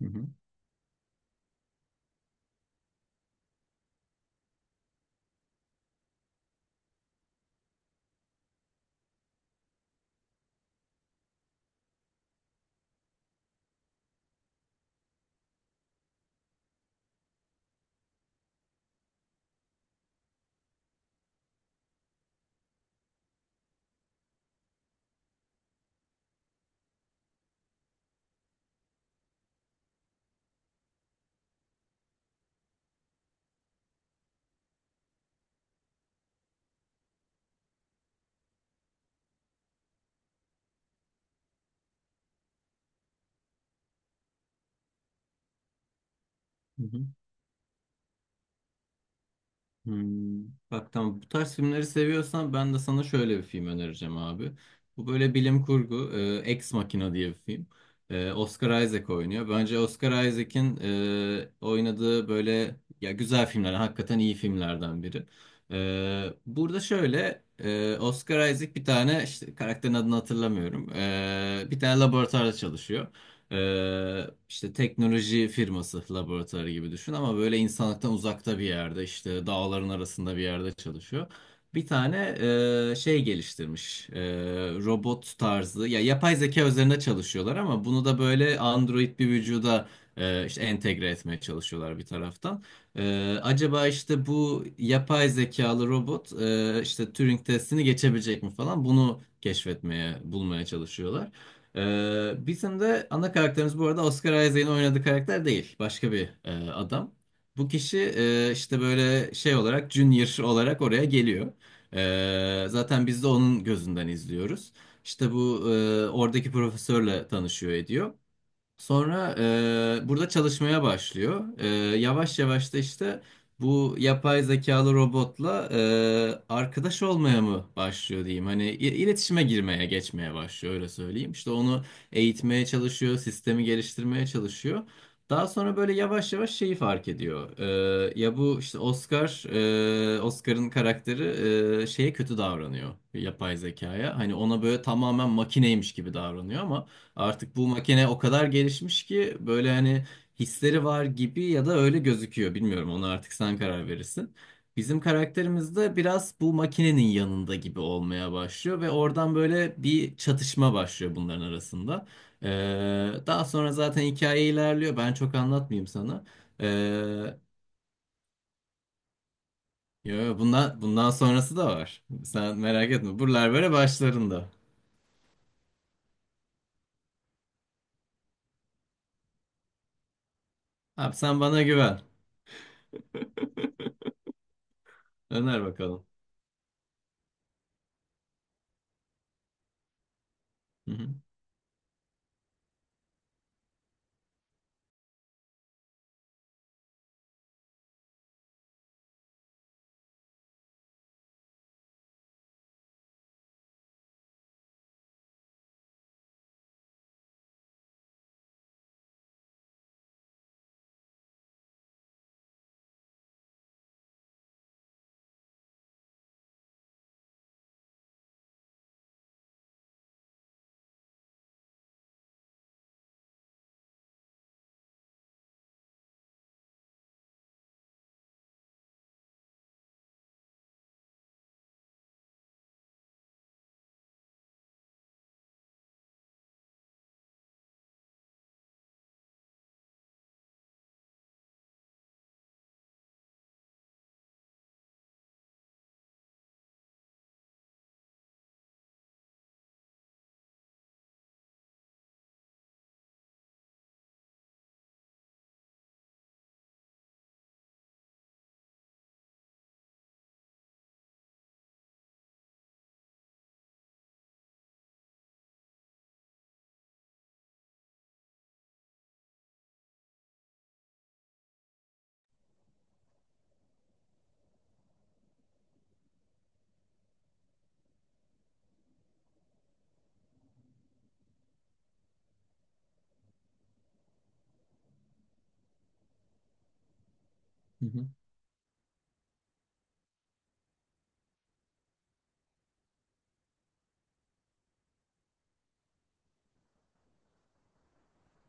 Hı hı, hı hı. Hmm. Bak, tamam, bu tarz filmleri seviyorsan ben de sana şöyle bir film önereceğim abi. Bu böyle bilim kurgu, Ex Machina diye bir film. Oscar Isaac oynuyor. Bence Oscar Isaac'in oynadığı böyle ya güzel filmler, hakikaten iyi filmlerden biri. Burada şöyle Oscar Isaac bir tane, işte karakterin adını hatırlamıyorum. Bir tane laboratuvarda çalışıyor. İşte teknoloji firması laboratuvarı gibi düşün ama böyle insanlıktan uzakta bir yerde, işte dağların arasında bir yerde çalışıyor. Bir tane şey geliştirmiş, robot tarzı ya yapay zeka üzerine çalışıyorlar ama bunu da böyle android bir vücuda işte entegre etmeye çalışıyorlar bir taraftan. Acaba işte bu yapay zekalı robot işte Turing testini geçebilecek mi falan, bunu keşfetmeye bulmaya çalışıyorlar. Bizim de ana karakterimiz bu arada Oscar Isaac'in oynadığı karakter değil. Başka bir adam. Bu kişi işte böyle şey olarak, junior olarak oraya geliyor. Zaten biz de onun gözünden izliyoruz. İşte bu oradaki profesörle tanışıyor ediyor. Sonra burada çalışmaya başlıyor. Yavaş yavaş da işte bu yapay zekalı robotla arkadaş olmaya mı başlıyor diyeyim. Hani iletişime girmeye, geçmeye başlıyor, öyle söyleyeyim. İşte onu eğitmeye çalışıyor, sistemi geliştirmeye çalışıyor. Daha sonra böyle yavaş yavaş şeyi fark ediyor. Ya bu işte Oscar'ın karakteri şeye kötü davranıyor yapay zekaya. Hani ona böyle tamamen makineymiş gibi davranıyor ama artık bu makine o kadar gelişmiş ki böyle hani hisleri var gibi ya da öyle gözüküyor. Bilmiyorum, ona artık sen karar verirsin. Bizim karakterimiz de biraz bu makinenin yanında gibi olmaya başlıyor ve oradan böyle bir çatışma başlıyor bunların arasında. Daha sonra zaten hikaye ilerliyor. Ben çok anlatmayayım sana. Ee, Yo, yo, bundan sonrası da var. Sen merak etme. Buralar böyle başlarında. Abi sen bana güven. Öner bakalım. Hı hı. Hı hı.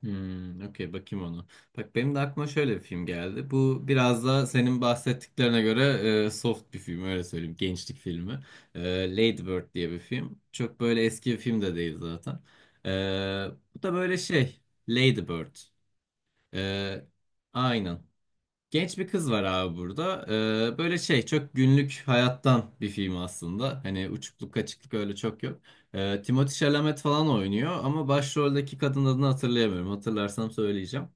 Hmm, okey, bakayım onu. Bak benim de aklıma şöyle bir film geldi. Bu biraz da senin bahsettiklerine göre soft bir film, öyle söyleyeyim. Gençlik filmi. E, Lady Bird diye bir film. Çok böyle eski bir film de değil zaten. E, bu da böyle şey, Lady Bird. E, aynen. Genç bir kız var abi burada. Böyle şey, çok günlük hayattan bir film aslında. Hani uçukluk kaçıklık öyle çok yok. Timothée Chalamet falan oynuyor ama başroldeki kadın adını hatırlayamıyorum. Hatırlarsam söyleyeceğim.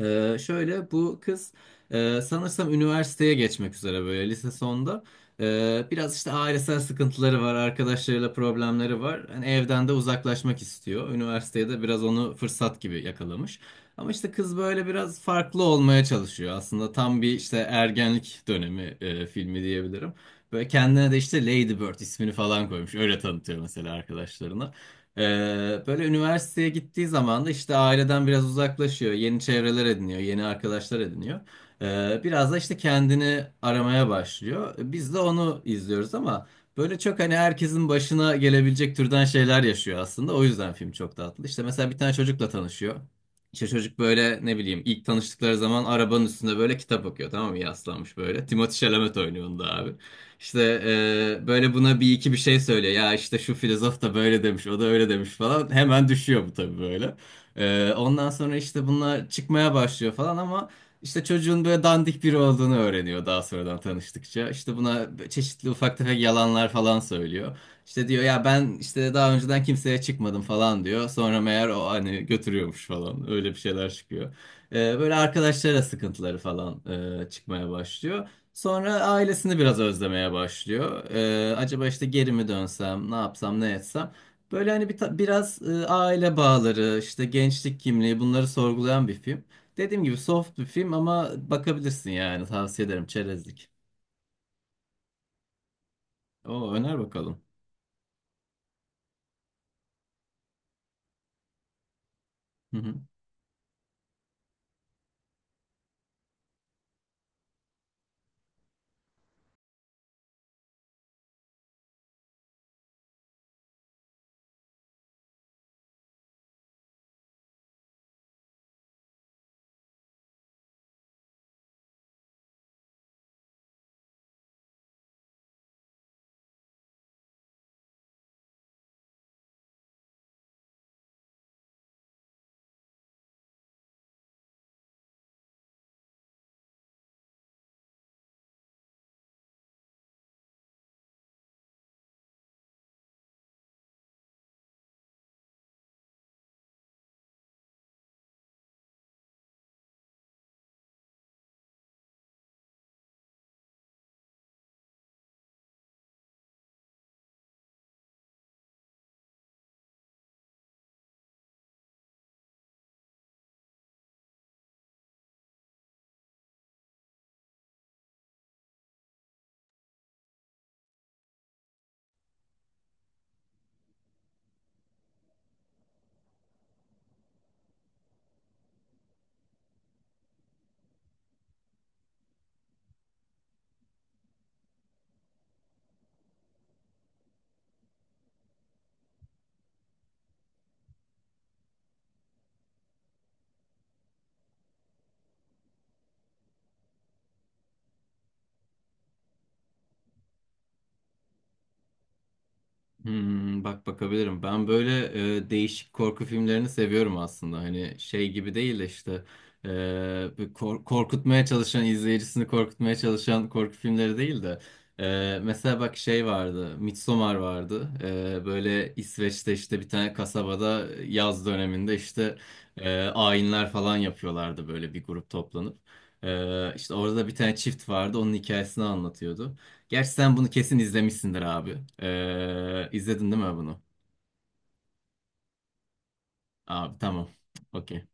Şöyle bu kız sanırsam üniversiteye geçmek üzere, böyle lise sonda. Biraz işte ailesel sıkıntıları var, arkadaşlarıyla problemleri var. Hani evden de uzaklaşmak istiyor. Üniversiteye de biraz onu fırsat gibi yakalamış. Ama işte kız böyle biraz farklı olmaya çalışıyor. Aslında tam bir işte ergenlik dönemi filmi diyebilirim. Böyle kendine de işte Lady Bird ismini falan koymuş. Öyle tanıtıyor mesela arkadaşlarına. Böyle üniversiteye gittiği zaman da işte aileden biraz uzaklaşıyor. Yeni çevreler ediniyor, yeni arkadaşlar ediniyor. Biraz da işte kendini aramaya başlıyor. Biz de onu izliyoruz ama böyle çok hani herkesin başına gelebilecek türden şeyler yaşıyor aslında. O yüzden film çok tatlı. İşte mesela bir tane çocukla tanışıyor. İşte çocuk böyle ne bileyim, ilk tanıştıkları zaman arabanın üstünde böyle kitap okuyor, tamam mı, yaslanmış böyle. Timothée Chalamet oynuyor onda abi. İşte böyle buna bir iki bir şey söylüyor. Ya işte şu filozof da böyle demiş, o da öyle demiş falan. Hemen düşüyor bu tabii böyle. Ondan sonra işte bunlar çıkmaya başlıyor falan ama işte çocuğun böyle dandik biri olduğunu öğreniyor daha sonradan tanıştıkça. İşte buna çeşitli ufak tefek yalanlar falan söylüyor. İşte diyor ya ben işte daha önceden kimseye çıkmadım falan diyor. Sonra meğer o hani götürüyormuş falan. Öyle bir şeyler çıkıyor. Böyle arkadaşlara sıkıntıları falan çıkmaya başlıyor. Sonra ailesini biraz özlemeye başlıyor. Acaba işte geri mi dönsem, ne yapsam, ne etsem. Böyle hani bir biraz aile bağları, işte gençlik kimliği, bunları sorgulayan bir film. Dediğim gibi soft bir film ama bakabilirsin, yani tavsiye ederim, çerezlik. O öner bakalım. Hmm, bak, bakabilirim. Ben böyle değişik korku filmlerini seviyorum aslında. Hani şey gibi değil de işte, e, bir korkutmaya çalışan, izleyicisini korkutmaya çalışan korku filmleri değil de, mesela bak şey vardı. Midsommar vardı. Böyle İsveç'te işte bir tane kasabada yaz döneminde işte ayinler falan yapıyorlardı böyle bir grup toplanıp. E, işte orada da bir tane çift vardı. Onun hikayesini anlatıyordu. Gerçi sen bunu kesin izlemişsindir abi. İzledin değil mi bunu? Abi tamam. Okey.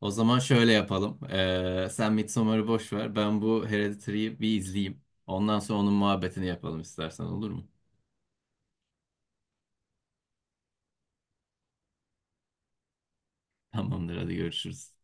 O zaman şöyle yapalım. Sen Midsommar'ı boş ver. Ben bu Hereditary'yi bir izleyeyim. Ondan sonra onun muhabbetini yapalım, istersen olur mu? Tamamdır, hadi görüşürüz.